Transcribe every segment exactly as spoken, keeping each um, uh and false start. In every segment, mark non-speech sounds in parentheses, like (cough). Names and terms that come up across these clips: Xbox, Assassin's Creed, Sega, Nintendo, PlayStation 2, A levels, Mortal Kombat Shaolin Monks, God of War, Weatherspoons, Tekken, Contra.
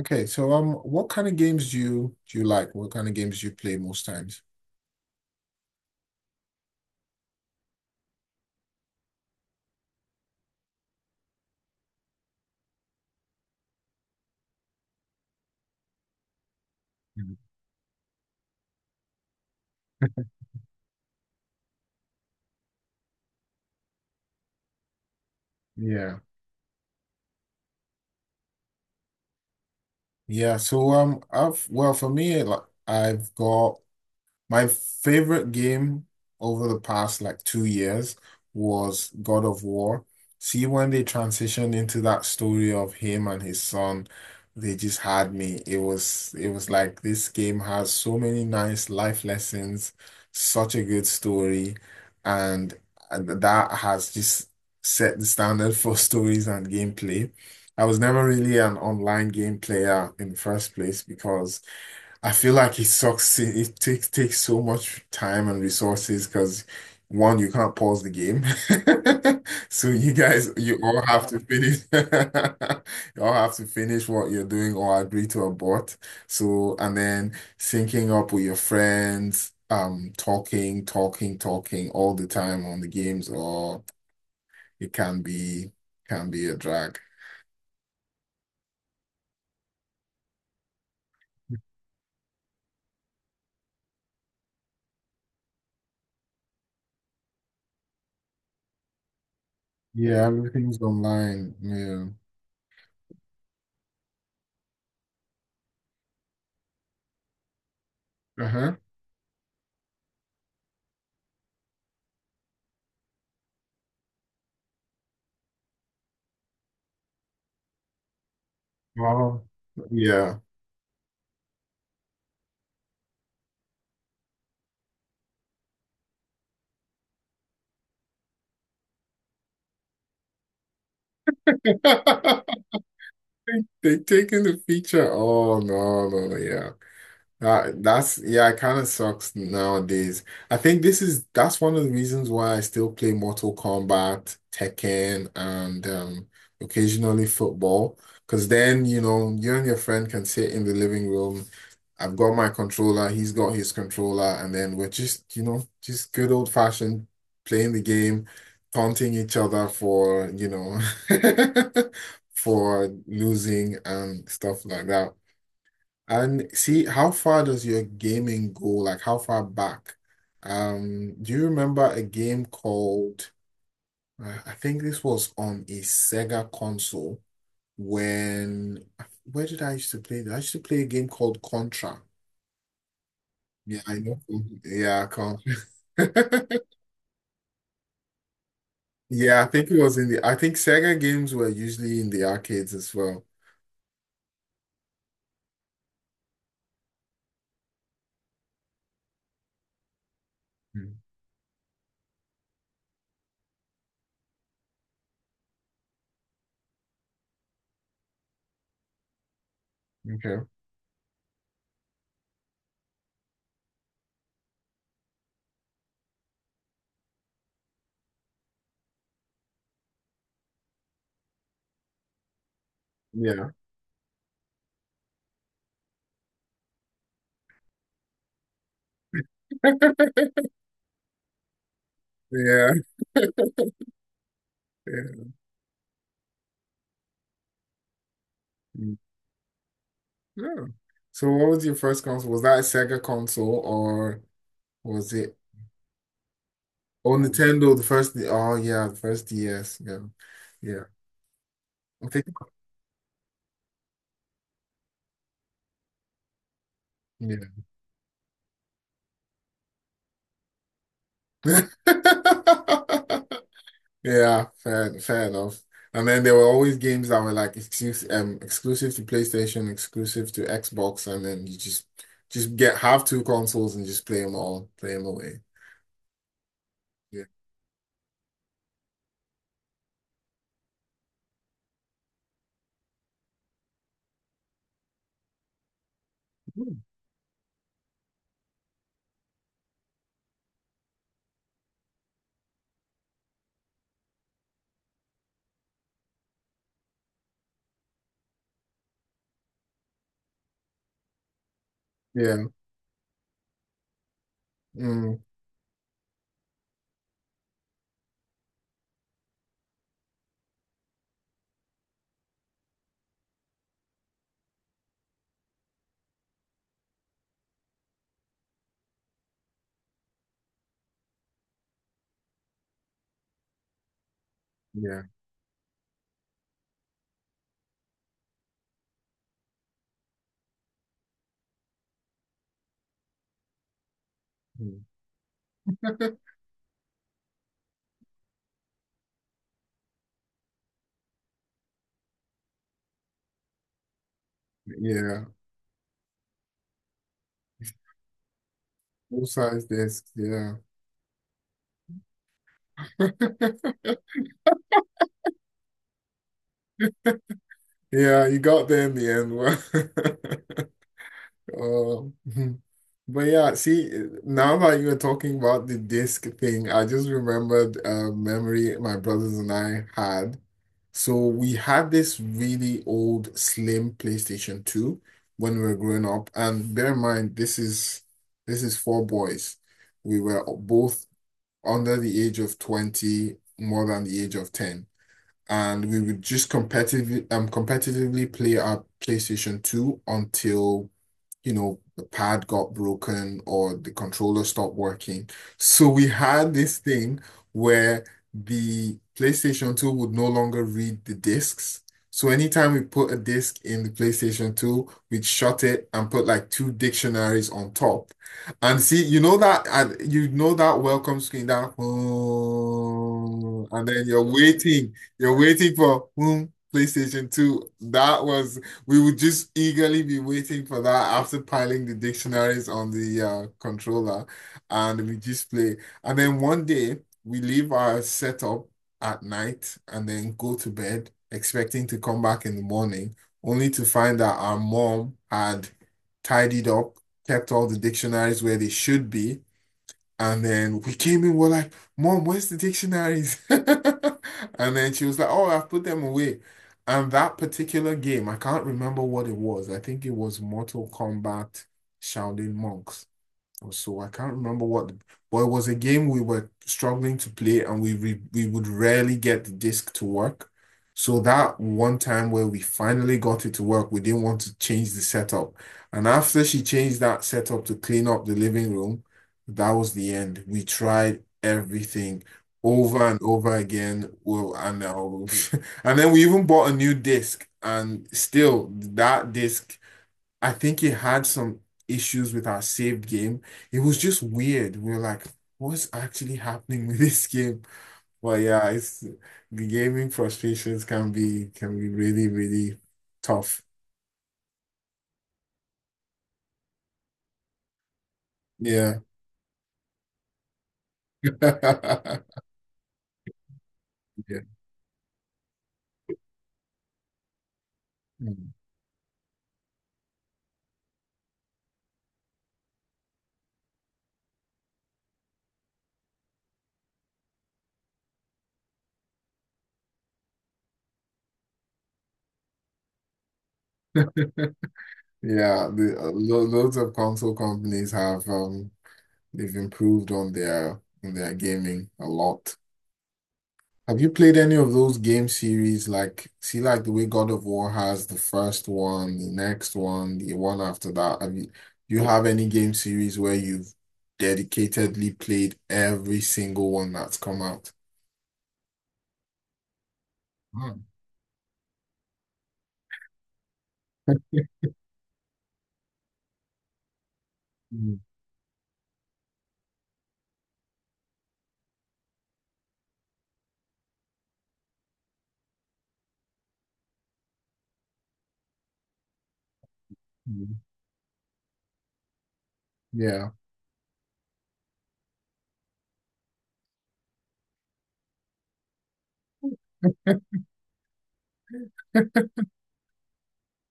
Okay, so um, what kind of games do you do you like? What kind of games do you play most times? Mm. Yeah, yeah. So um, I've well, for me, like I've got my favorite game over the past like two years was God of War. See, when they transitioned into that story of him and his son, they just had me. It was it was like this game has so many nice life lessons, such a good story, and that has just set the standard for (laughs) stories and gameplay. I was never really an online game player in the first place because I feel like it sucks. It takes takes so much time and resources because, one, you can't pause the game. (laughs) So you guys, you all have to finish. (laughs) You all have to finish what you're doing, or agree to a bot. So and then, syncing up with your friends, um, talking, talking, talking all the time on the games, or it can be can be a drag. Yeah, everything's online. Yeah. Uh-huh. Wow. Yeah. (laughs) They taking the feature. Oh, no, no, no, yeah. Uh, that's, yeah, it kind of sucks nowadays. I think this is that's one of the reasons why I still play Mortal Kombat, Tekken, and um, occasionally football. Because then, you know, you and your friend can sit in the living room. I've got my controller, he's got his controller, and then we're just, you know, just good old fashioned playing the game, taunting each other for, you know, (laughs) for losing and stuff like that. And see, how far does your gaming go? Like, how far back? Um, do you remember a game called, uh, I think this was on a Sega console when, where did I used to play this? I used to play a game called Contra. Yeah, I know. Yeah, Contra. (laughs) Yeah, I think it was in the, I think Sega games were usually in the arcades as well. Mm. Okay. Yeah. Yeah. (laughs) Yeah. Mm. Yeah. So what was your first console? Was that a Sega console, or was it? Oh, Nintendo, the first. Oh, yeah, the first D S. Yeah, yeah. I think. Yeah. (laughs) Yeah, fair, fair enough. And then there were always games that were like exclusive, um, exclusive to PlayStation, exclusive to Xbox, and then you just just get have two consoles and just play them all, play them away. Yeah, yeah, mm, yeah, mm. (laughs) Yeah. Full size discs. Yeah, yeah. You got there in the end. (laughs) Oh. (laughs) But yeah, see, now that you were talking about the disc thing, I just remembered a memory my brothers and I had. So we had this really old slim PlayStation two when we were growing up. And bear in mind, this is this is four boys. We were both under the age of twenty, more than the age of ten, and we would just competitively um competitively play our PlayStation two until, you know the pad got broken or the controller stopped working. So we had this thing where the PlayStation two would no longer read the discs. So anytime we put a disc in the PlayStation two, we'd shut it and put like two dictionaries on top. And see, you know that, and you know that welcome screen, that, oh, and then you're waiting you're waiting for whom? PlayStation two. That was, we would just eagerly be waiting for that after piling the dictionaries on the uh, controller, and we just play. And then one day we leave our setup at night and then go to bed, expecting to come back in the morning, only to find that our mom had tidied up, kept all the dictionaries where they should be, and then we came in, we're like, "Mom, where's the dictionaries?" (laughs) And then she was like, "Oh, I've put them away." And that particular game, I can't remember what it was. I think it was Mortal Kombat Shaolin Monks. So I can't remember what, the, but it was a game we were struggling to play, and we re, we would rarely get the disc to work. So that one time where we finally got it to work, we didn't want to change the setup. And after she changed that setup to clean up the living room, that was the end. We tried everything over and over again. Well, and uh, (laughs) and then we even bought a new disc, and still that disc. I think it had some issues with our saved game. It was just weird. We were like, what's actually happening with this game? But yeah, it's the gaming frustrations can be can be really, really tough. Yeah. (laughs) Yeah. Yeah, the uh, lo loads of console companies have um they've improved on their on their gaming a lot. Have you played any of those game series? Like, see, like the way God of War has the first one, the next one, the one after that. Have you, do you have any game series where you've dedicatedly played every single one that's come out? Mm, mm, mm. Yeah,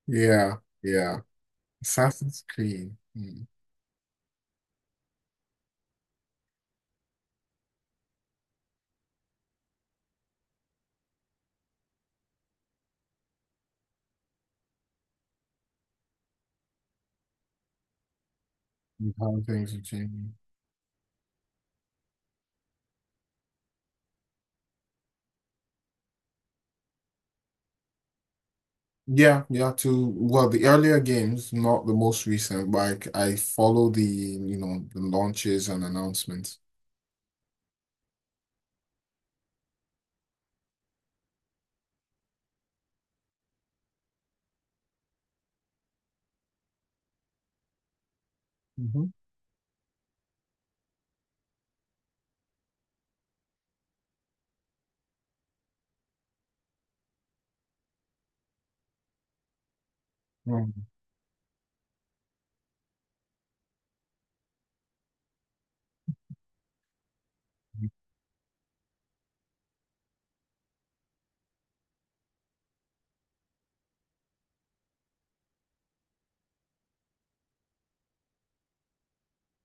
yeah, yeah. Assassin's Creed. Mm. You Things are changing. Yeah, yeah. To well, the earlier games, not the most recent. Like I I follow the you know the launches and announcements. Mm-hmm.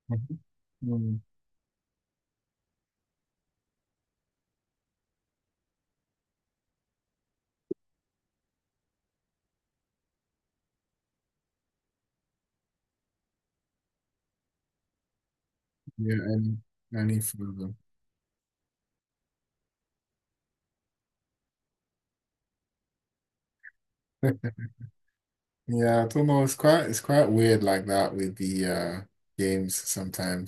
Mhm. Mm. Yeah, any any further. (laughs) Yeah, I don't know. It's quite it's quite weird like that with the uh games sometimes.